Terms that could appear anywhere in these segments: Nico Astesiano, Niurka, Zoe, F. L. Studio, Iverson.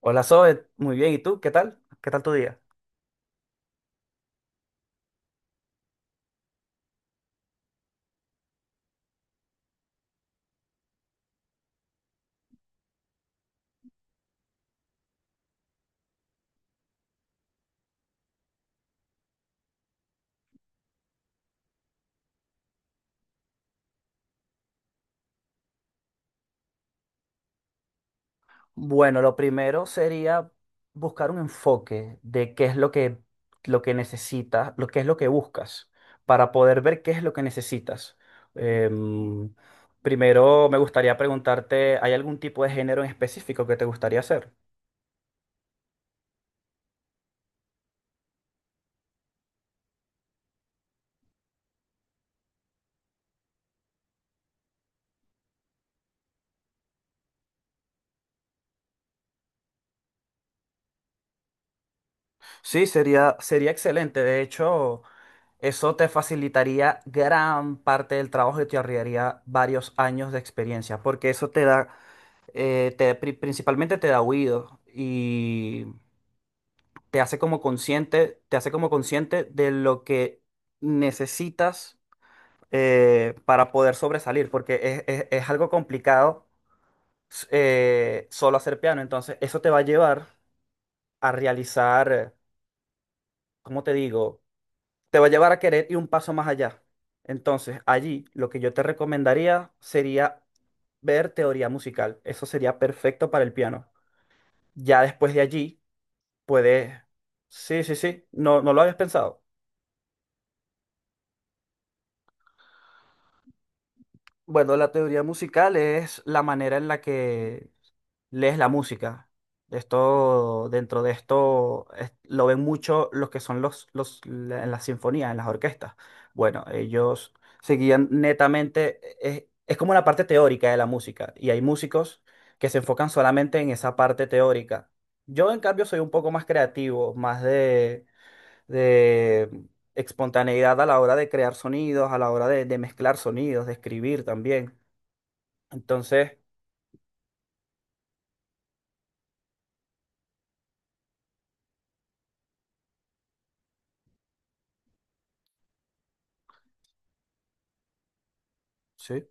Hola Zoe, muy bien. ¿Y tú? ¿Qué tal? ¿Qué tal tu día? Bueno, lo primero sería buscar un enfoque de qué es lo que necesitas, lo que es lo que buscas, para poder ver qué es lo que necesitas. Em, Primero me gustaría preguntarte, ¿hay algún tipo de género en específico que te gustaría hacer? Sí, sería excelente. De hecho, eso te facilitaría gran parte del trabajo y te ahorraría varios años de experiencia, porque eso te da principalmente te da oídos y te hace como consciente, te hace como consciente de lo que necesitas para poder sobresalir, porque es algo complicado solo hacer piano, entonces eso te va a llevar a realizar, ¿cómo te digo? Te va a llevar a querer ir un paso más allá. Entonces, allí lo que yo te recomendaría sería ver teoría musical. Eso sería perfecto para el piano. Ya después de allí puedes. Sí, sí, sí. No, no lo habías pensado. Bueno, la teoría musical es la manera en la que lees la música. Esto, dentro de esto, lo ven mucho los que son en las sinfonías, en las orquestas. Bueno, ellos seguían netamente, es como la parte teórica de la música, y hay músicos que se enfocan solamente en esa parte teórica. Yo, en cambio, soy un poco más creativo, más de espontaneidad a la hora de crear sonidos, a la hora de mezclar sonidos, de escribir también. Entonces, sí,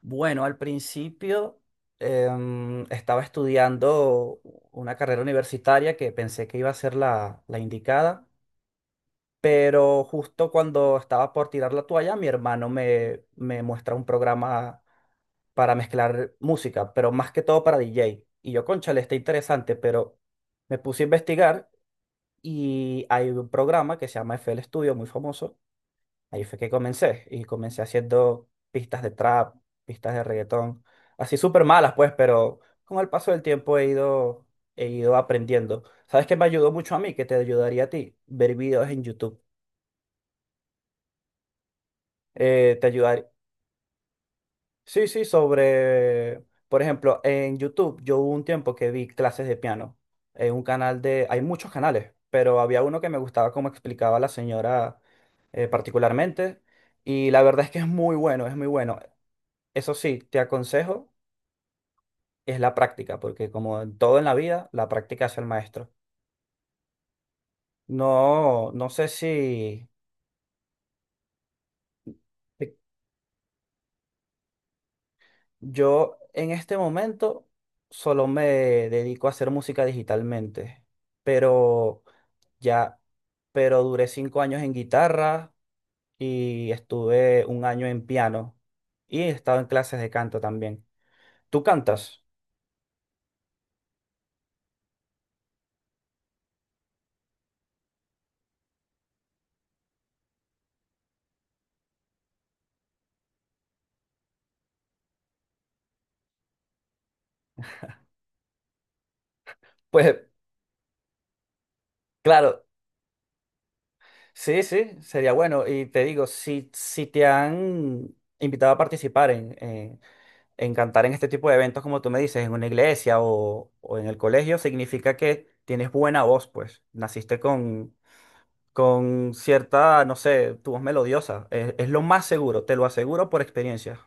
bueno, al principio estaba estudiando una carrera universitaria que pensé que iba a ser la indicada, pero justo cuando estaba por tirar la toalla, mi hermano me muestra un programa para mezclar música, pero más que todo para DJ. Y yo, cónchale, está interesante, pero me puse a investigar y hay un programa que se llama F. L. Studio, muy famoso. Ahí fue que comencé. Y comencé haciendo pistas de trap, pistas de reggaetón. Así súper malas, pues, pero con el paso del tiempo he ido aprendiendo. ¿Sabes qué me ayudó mucho a mí? Que te ayudaría a ti. Ver videos en YouTube. Te ayudaría. Sí, sí, sobre. Por ejemplo, en YouTube yo hubo un tiempo que vi clases de piano. En un canal de. Hay muchos canales, pero había uno que me gustaba cómo explicaba la señora particularmente, y la verdad es que es muy bueno, es muy bueno. Eso sí, te aconsejo, es la práctica, porque como en todo en la vida, la práctica hace el maestro. No, no sé si te- yo en este momento solo me dedico a hacer música digitalmente, pero ya, pero duré 5 años en guitarra y estuve 1 año en piano y he estado en clases de canto también. ¿Tú cantas? Pues claro, sí, sí, sería bueno. Y te digo, si te han invitado a participar en cantar en este tipo de eventos, como tú me dices, en una iglesia o en el colegio, significa que tienes buena voz, pues. Naciste con cierta, no sé, tu voz melodiosa. Es lo más seguro, te lo aseguro por experiencia.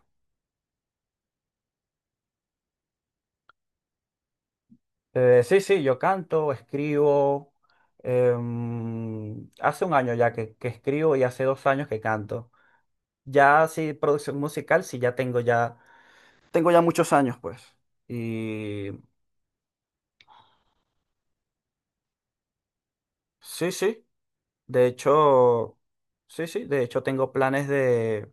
Sí, sí, yo canto, escribo. Hace 1 año ya que escribo y hace 2 años que canto. Ya sí, producción musical, sí, ya tengo ya muchos años, pues. Y sí, sí. De hecho, sí, sí. De hecho, tengo planes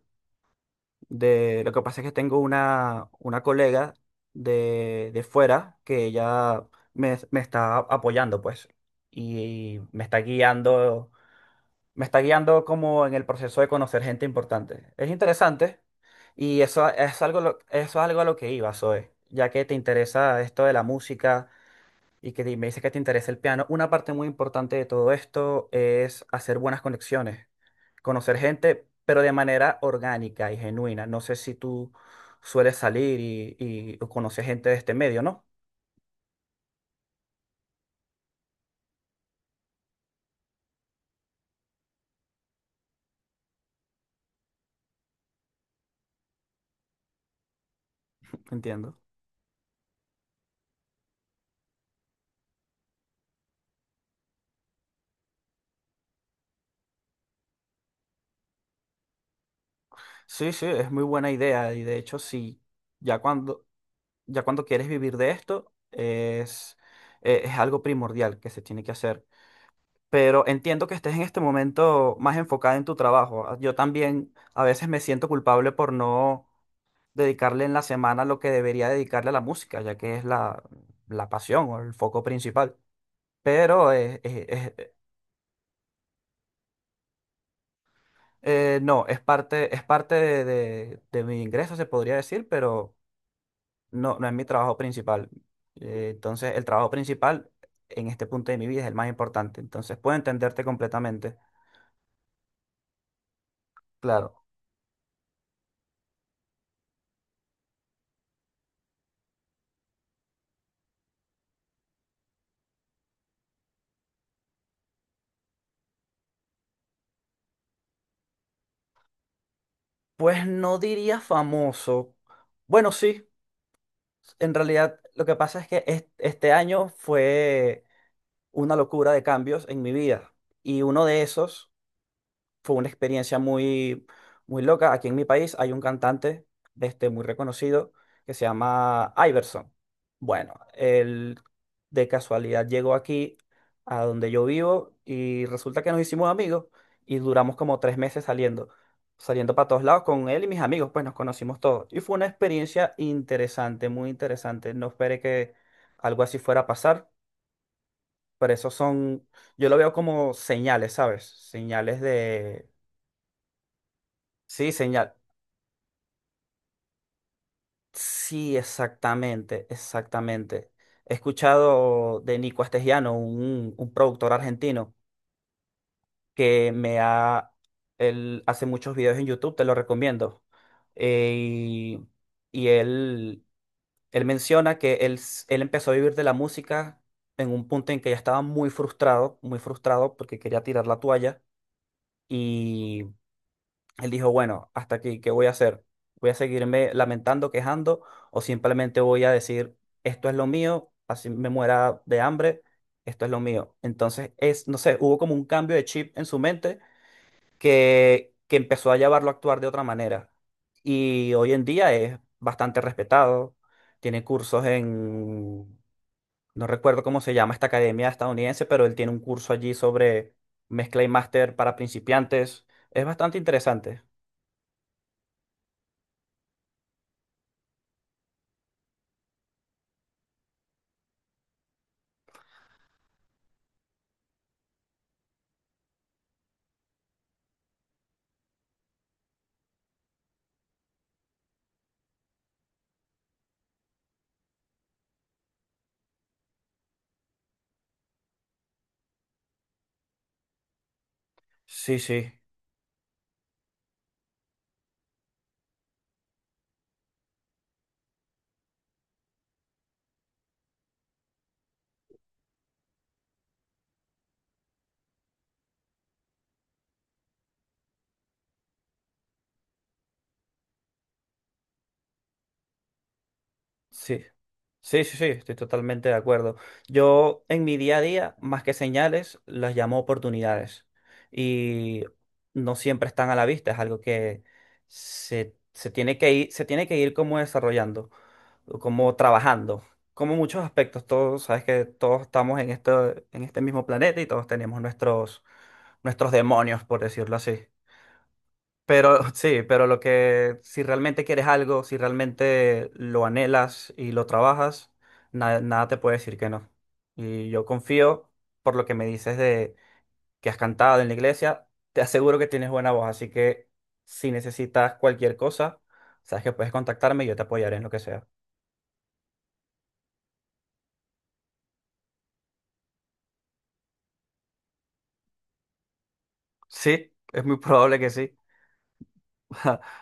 de... Lo que pasa es que tengo una colega de fuera que ella me está apoyando, pues. Y me está guiando como en el proceso de conocer gente importante. Es interesante. Y eso es algo, eso es algo a lo que iba, Zoe, ya que te interesa esto de la música y que me dice que te interesa el piano, una parte muy importante de todo esto es hacer buenas conexiones, conocer gente, pero de manera orgánica y genuina. No sé si tú sueles salir y o conoces gente de este medio, ¿no? Entiendo. Sí, sí, es muy buena idea y de hecho sí, ya cuando, ya cuando quieres vivir de esto es algo primordial que se tiene que hacer. Pero entiendo que estés en este momento más enfocada en tu trabajo. Ah, yo también a veces me siento culpable por no dedicarle en la semana lo que debería dedicarle a la música, ya que es la pasión o el foco principal. Pero no, es parte de mi ingreso, se podría decir, pero no, no es mi trabajo principal. Entonces, el trabajo principal en este punto de mi vida es el más importante. Entonces, puedo entenderte completamente. Claro. Pues no diría famoso. Bueno, sí. En realidad, lo que pasa es que este año fue una locura de cambios en mi vida. Y uno de esos fue una experiencia muy, muy loca. Aquí en mi país hay un cantante este, muy reconocido que se llama Iverson. Bueno, él de casualidad llegó aquí a donde yo vivo y resulta que nos hicimos amigos y duramos como 3 meses saliendo. Saliendo para todos lados con él y mis amigos, pues nos conocimos todos. Y fue una experiencia interesante, muy interesante. No esperé que algo así fuera a pasar, pero esos son, yo lo veo como señales, ¿sabes? Señales de... Sí, señal. Sí, exactamente, exactamente. He escuchado de Nico Astesiano, un productor argentino, que me ha... Él hace muchos videos en YouTube, te lo recomiendo. Eh, y y él, él menciona que él, él empezó a vivir de la música en un punto en que ya estaba muy frustrado porque quería tirar la toalla. Él dijo, bueno, hasta aquí, ¿qué voy a hacer? ¿Voy a seguirme lamentando, quejando o simplemente voy a decir, esto es lo mío, así me muera de hambre, esto es lo mío? Entonces, es, no sé, hubo como un cambio de chip en su mente que empezó a llevarlo a actuar de otra manera. Y hoy en día es bastante respetado, tiene cursos en, no recuerdo cómo se llama esta academia estadounidense, pero él tiene un curso allí sobre mezcla y máster para principiantes. Es bastante interesante. Sí, sí, sí. Sí, sí, sí, estoy totalmente de acuerdo. Yo en mi día a día, más que señales, las llamo oportunidades. Y no siempre están a la vista, es algo que se tiene que ir, se tiene que ir como desarrollando, o como trabajando. Como muchos aspectos, todos, sabes que todos estamos en este mismo planeta y todos tenemos nuestros, nuestros demonios, por decirlo así. Pero sí, pero lo que, si realmente quieres algo, si realmente lo anhelas y lo trabajas, nada te puede decir que no. Y yo confío por lo que me dices de que has cantado en la iglesia, te aseguro que tienes buena voz, así que si necesitas cualquier cosa, sabes que puedes contactarme y yo te apoyaré en lo que sea. Sí, es muy probable que sí.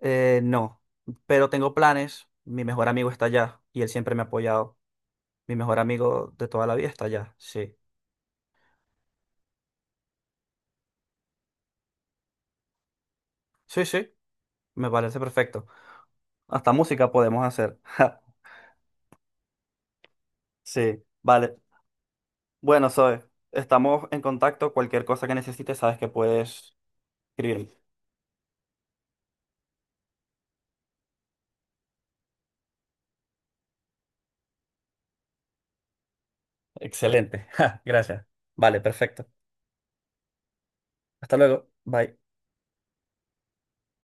No, pero tengo planes. Mi mejor amigo está allá y él siempre me ha apoyado. Mi mejor amigo de toda la vida está allá, sí. Sí, sí. Me parece perfecto. Hasta música podemos hacer. Sí, vale. Bueno, Zoe, estamos en contacto. Cualquier cosa que necesites, sabes que puedes escribirme. Excelente. Ja, gracias. Vale, perfecto. Hasta luego. Bye.